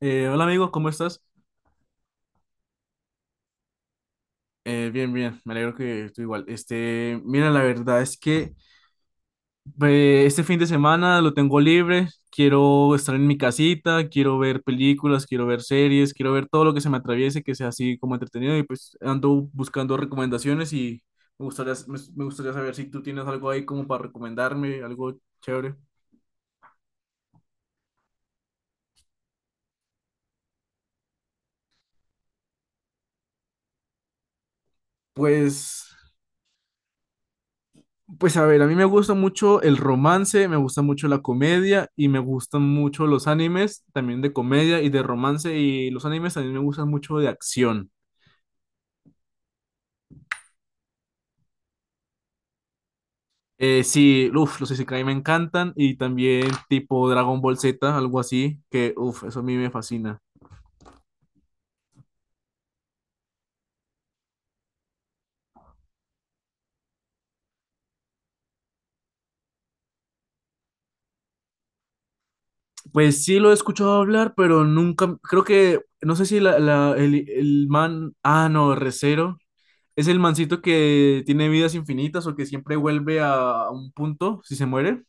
Hola, amigo, ¿cómo estás? Bien, bien, me alegro que tú igual. Mira, la verdad es que este fin de semana lo tengo libre, quiero estar en mi casita, quiero ver películas, quiero ver series, quiero ver todo lo que se me atraviese, que sea así como entretenido, y pues ando buscando recomendaciones. Y me gustaría saber si tú tienes algo ahí como para recomendarme, algo chévere. Pues Pues a ver, a mí me gusta mucho el romance, me gusta mucho la comedia y me gustan mucho los animes, también de comedia y de romance, y los animes también me gustan mucho de acción. Sí, uff, los Isekai me encantan, y también tipo Dragon Ball Z, algo así, que uff, eso a mí me fascina. Pues sí lo he escuchado hablar, pero nunca, creo que, no sé si el man, ah, no, Recero. Es el mancito que tiene vidas infinitas, o que siempre vuelve a un punto si se muere.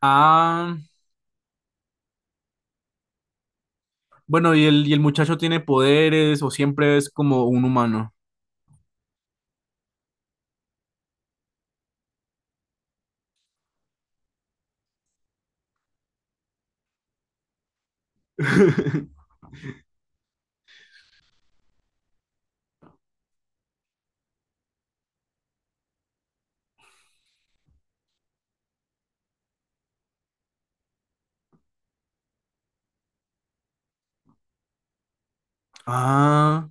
Ah. Bueno, ¿y el muchacho tiene poderes o siempre es como un humano? Ah.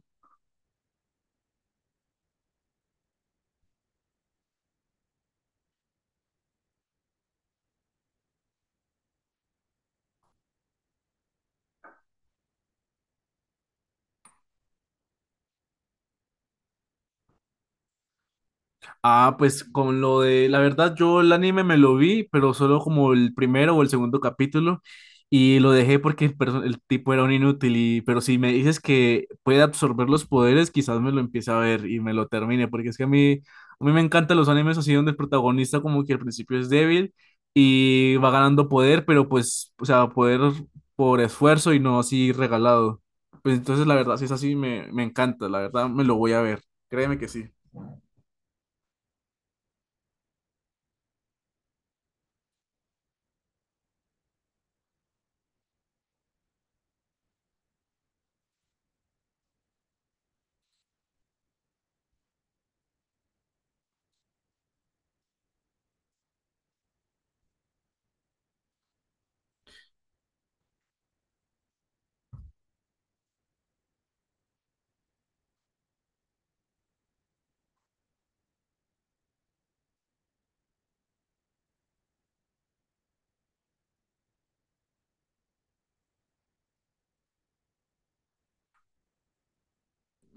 Ah, pues con lo de, la verdad, yo el anime me lo vi, pero solo como el primero o el segundo capítulo, y lo dejé porque el tipo era un inútil, y, pero si me dices que puede absorber los poderes, quizás me lo empiece a ver y me lo termine, porque es que a mí me encantan los animes así donde el protagonista como que al principio es débil y va ganando poder, pero pues, o sea, poder por esfuerzo y no así regalado. Pues entonces, la verdad, si es así, me encanta, la verdad, me lo voy a ver, créeme que sí.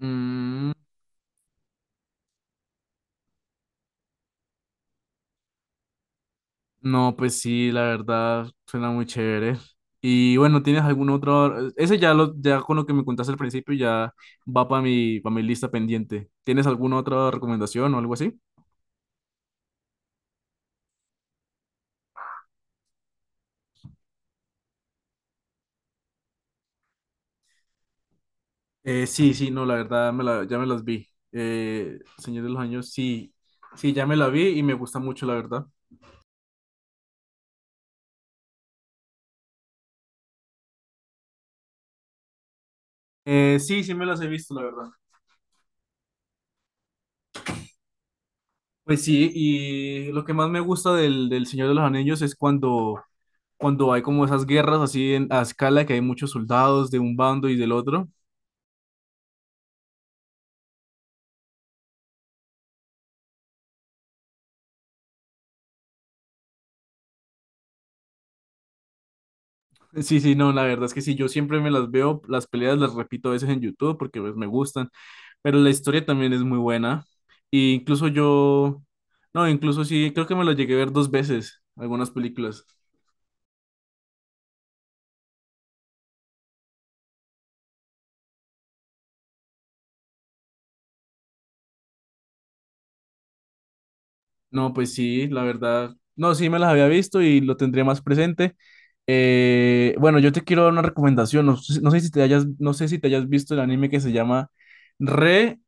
Mm. No, pues sí, la verdad suena muy chévere. Y bueno, ¿tienes algún otro? Ese ya ya con lo que me contaste al principio ya va para mi lista pendiente. ¿Tienes alguna otra recomendación o algo así? Sí, sí, no, la verdad ya me las vi. Señor de los Años, sí, sí, ya me la vi y me gusta mucho, la verdad. Sí, sí me las he visto, la verdad. Pues sí, y lo que más me gusta del Señor de los Anillos es cuando, hay como esas guerras así a escala, que hay muchos soldados de un bando y del otro. Sí, sí, no, la verdad es que sí, yo siempre me las veo, las peleas las repito a veces en YouTube porque pues, me gustan, pero la historia también es muy buena. Y incluso yo, no, incluso sí, creo que me las llegué a ver dos veces, algunas películas. No, pues sí, la verdad, no, sí me las había visto y lo tendría más presente. Bueno, yo te quiero dar una recomendación, no, sé- no sé si te hayas, no sé si te hayas visto el anime que se llama Re,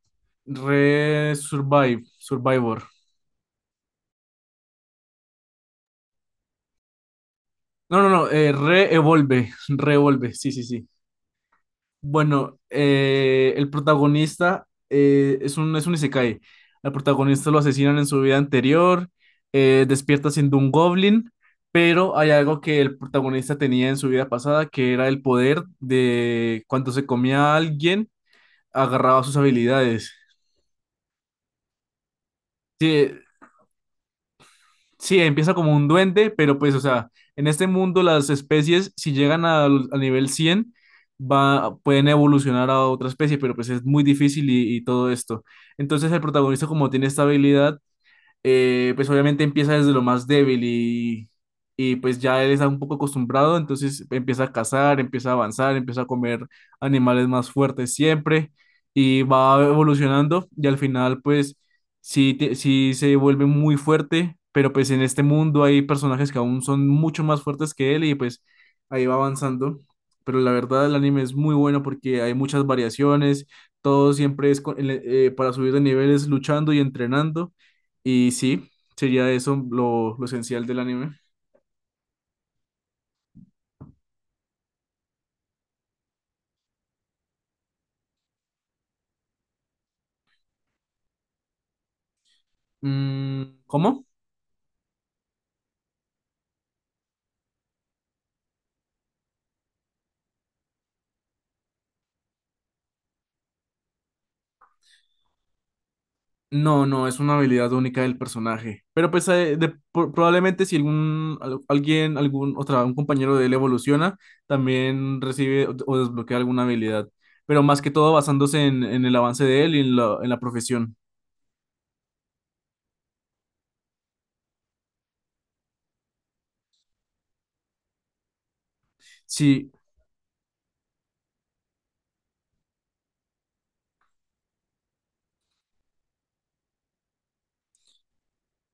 Re Survive, Survivor. No, no, no, Re-Evolve, Re-Evolve, sí, sí, sí. Bueno, el protagonista es un isekai. Al protagonista lo asesinan en su vida anterior, despierta siendo un goblin, pero hay algo que el protagonista tenía en su vida pasada, que era el poder de cuando se comía a alguien, agarraba sus habilidades. Sí, sí, empieza como un duende, pero pues, o sea, en este mundo las especies, si llegan al nivel 100, va, pueden evolucionar a otra especie, pero pues es muy difícil y todo esto. Entonces el protagonista, como tiene esta habilidad, pues obviamente empieza desde lo más débil, y pues ya él está un poco acostumbrado, entonces empieza a cazar, empieza a avanzar, empieza a comer animales más fuertes siempre, y va evolucionando, y al final pues sí se vuelve muy fuerte, pero pues en este mundo hay personajes que aún son mucho más fuertes que él, y pues ahí va avanzando. Pero la verdad, el anime es muy bueno porque hay muchas variaciones, todo siempre es para subir de niveles luchando y entrenando. Y sí, sería eso lo esencial del anime. Mm, ¿cómo? No, no, es una habilidad única del personaje. Pero pues probablemente si algún, al- alguien, algún otra, un compañero de él evoluciona, también recibe o desbloquea alguna habilidad. Pero más que todo basándose en el avance de él, y en la profesión. Sí,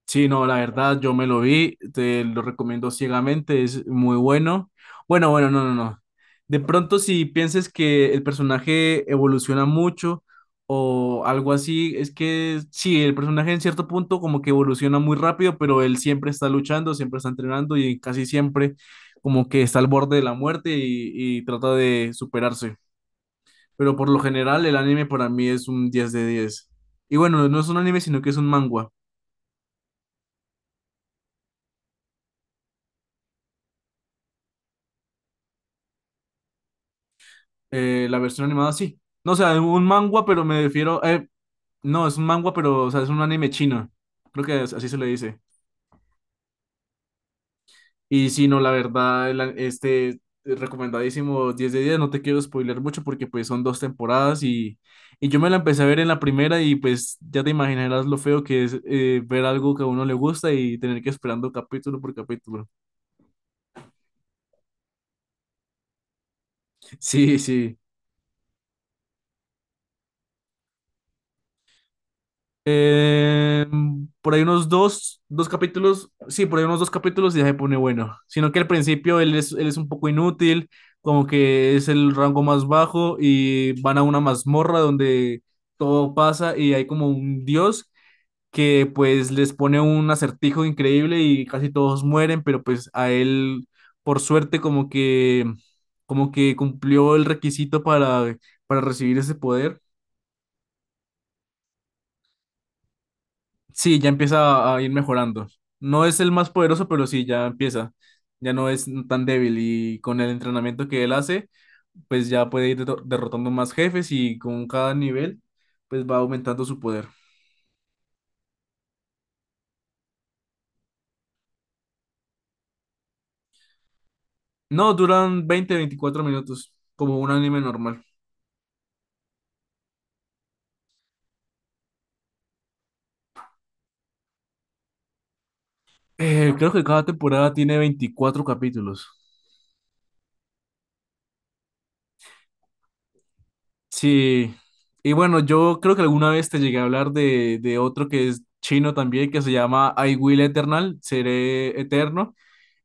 sí, no, la verdad, yo me lo vi, te lo recomiendo ciegamente, es muy bueno. Bueno, bueno, no, no, no. De pronto, si piensas que el personaje evoluciona mucho o algo así, es que sí, el personaje en cierto punto como que evoluciona muy rápido, pero él siempre está luchando, siempre está entrenando y casi siempre como que está al borde de la muerte, y trata de superarse. Pero por lo general, el anime para mí es un 10 de 10. Y bueno, no es un anime, sino que es un manga. La versión animada sí. No, o sea, un manga, pero me refiero, no, es un manga, pero o sea, es un anime chino. Creo que así se le dice. Y sí, no, la verdad, el a- este recomendadísimo, 10 de 10. No te quiero spoiler mucho porque pues son dos temporadas, y yo me la empecé a ver en la primera, y pues ya te imaginarás lo feo que es ver algo que a uno le gusta y tener que esperando capítulo por capítulo. Sí, sí. Eh, por ahí unos dos capítulos, sí, por ahí unos dos capítulos y ya se pone bueno. Sino que al principio él es un poco inútil, como que es el rango más bajo, y van a una mazmorra donde todo pasa y hay como un dios que pues les pone un acertijo increíble y casi todos mueren, pero pues a él por suerte como que cumplió el requisito para recibir ese poder. Sí, ya empieza a ir mejorando. No es el más poderoso, pero sí, ya empieza. Ya no es tan débil, y con el entrenamiento que él hace, pues ya puede ir derrotando más jefes, y con cada nivel, pues va aumentando su poder. No, duran 20 24 minutos, como un anime normal. Creo que cada temporada tiene 24 capítulos. Sí. Y bueno, yo creo que alguna vez te llegué a hablar de otro que es chino también, que se llama I Will Eternal, Seré Eterno.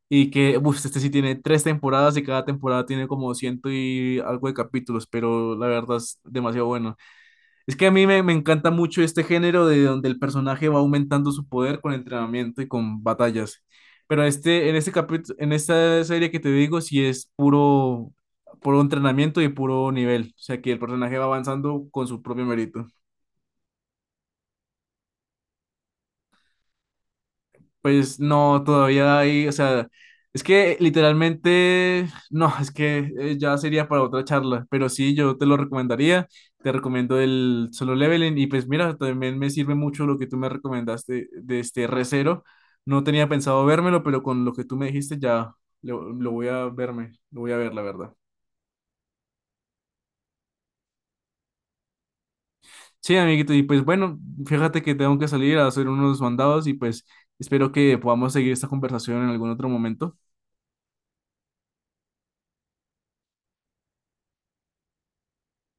Y que, uff, este sí tiene tres temporadas y cada temporada tiene como ciento y algo de capítulos, pero la verdad es demasiado bueno. Es que a mí me encanta mucho este género de donde el personaje va aumentando su poder con entrenamiento y con batallas. Pero en este capítulo, en esta serie que te digo, sí es puro, puro entrenamiento y puro nivel. O sea que el personaje va avanzando con su propio mérito. Pues no, todavía hay, o sea, es que literalmente, no, es que ya sería para otra charla, pero sí, yo te lo recomendaría, te recomiendo el Solo Leveling, y pues mira, también me sirve mucho lo que tú me recomendaste de este recero. No tenía pensado vérmelo, pero con lo que tú me dijiste ya lo voy a verme, lo voy a ver, la verdad. Sí, amiguito, y pues bueno, fíjate que tengo que salir a hacer unos mandados, y pues espero que podamos seguir esta conversación en algún otro momento.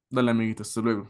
Dale, amiguito, hasta luego.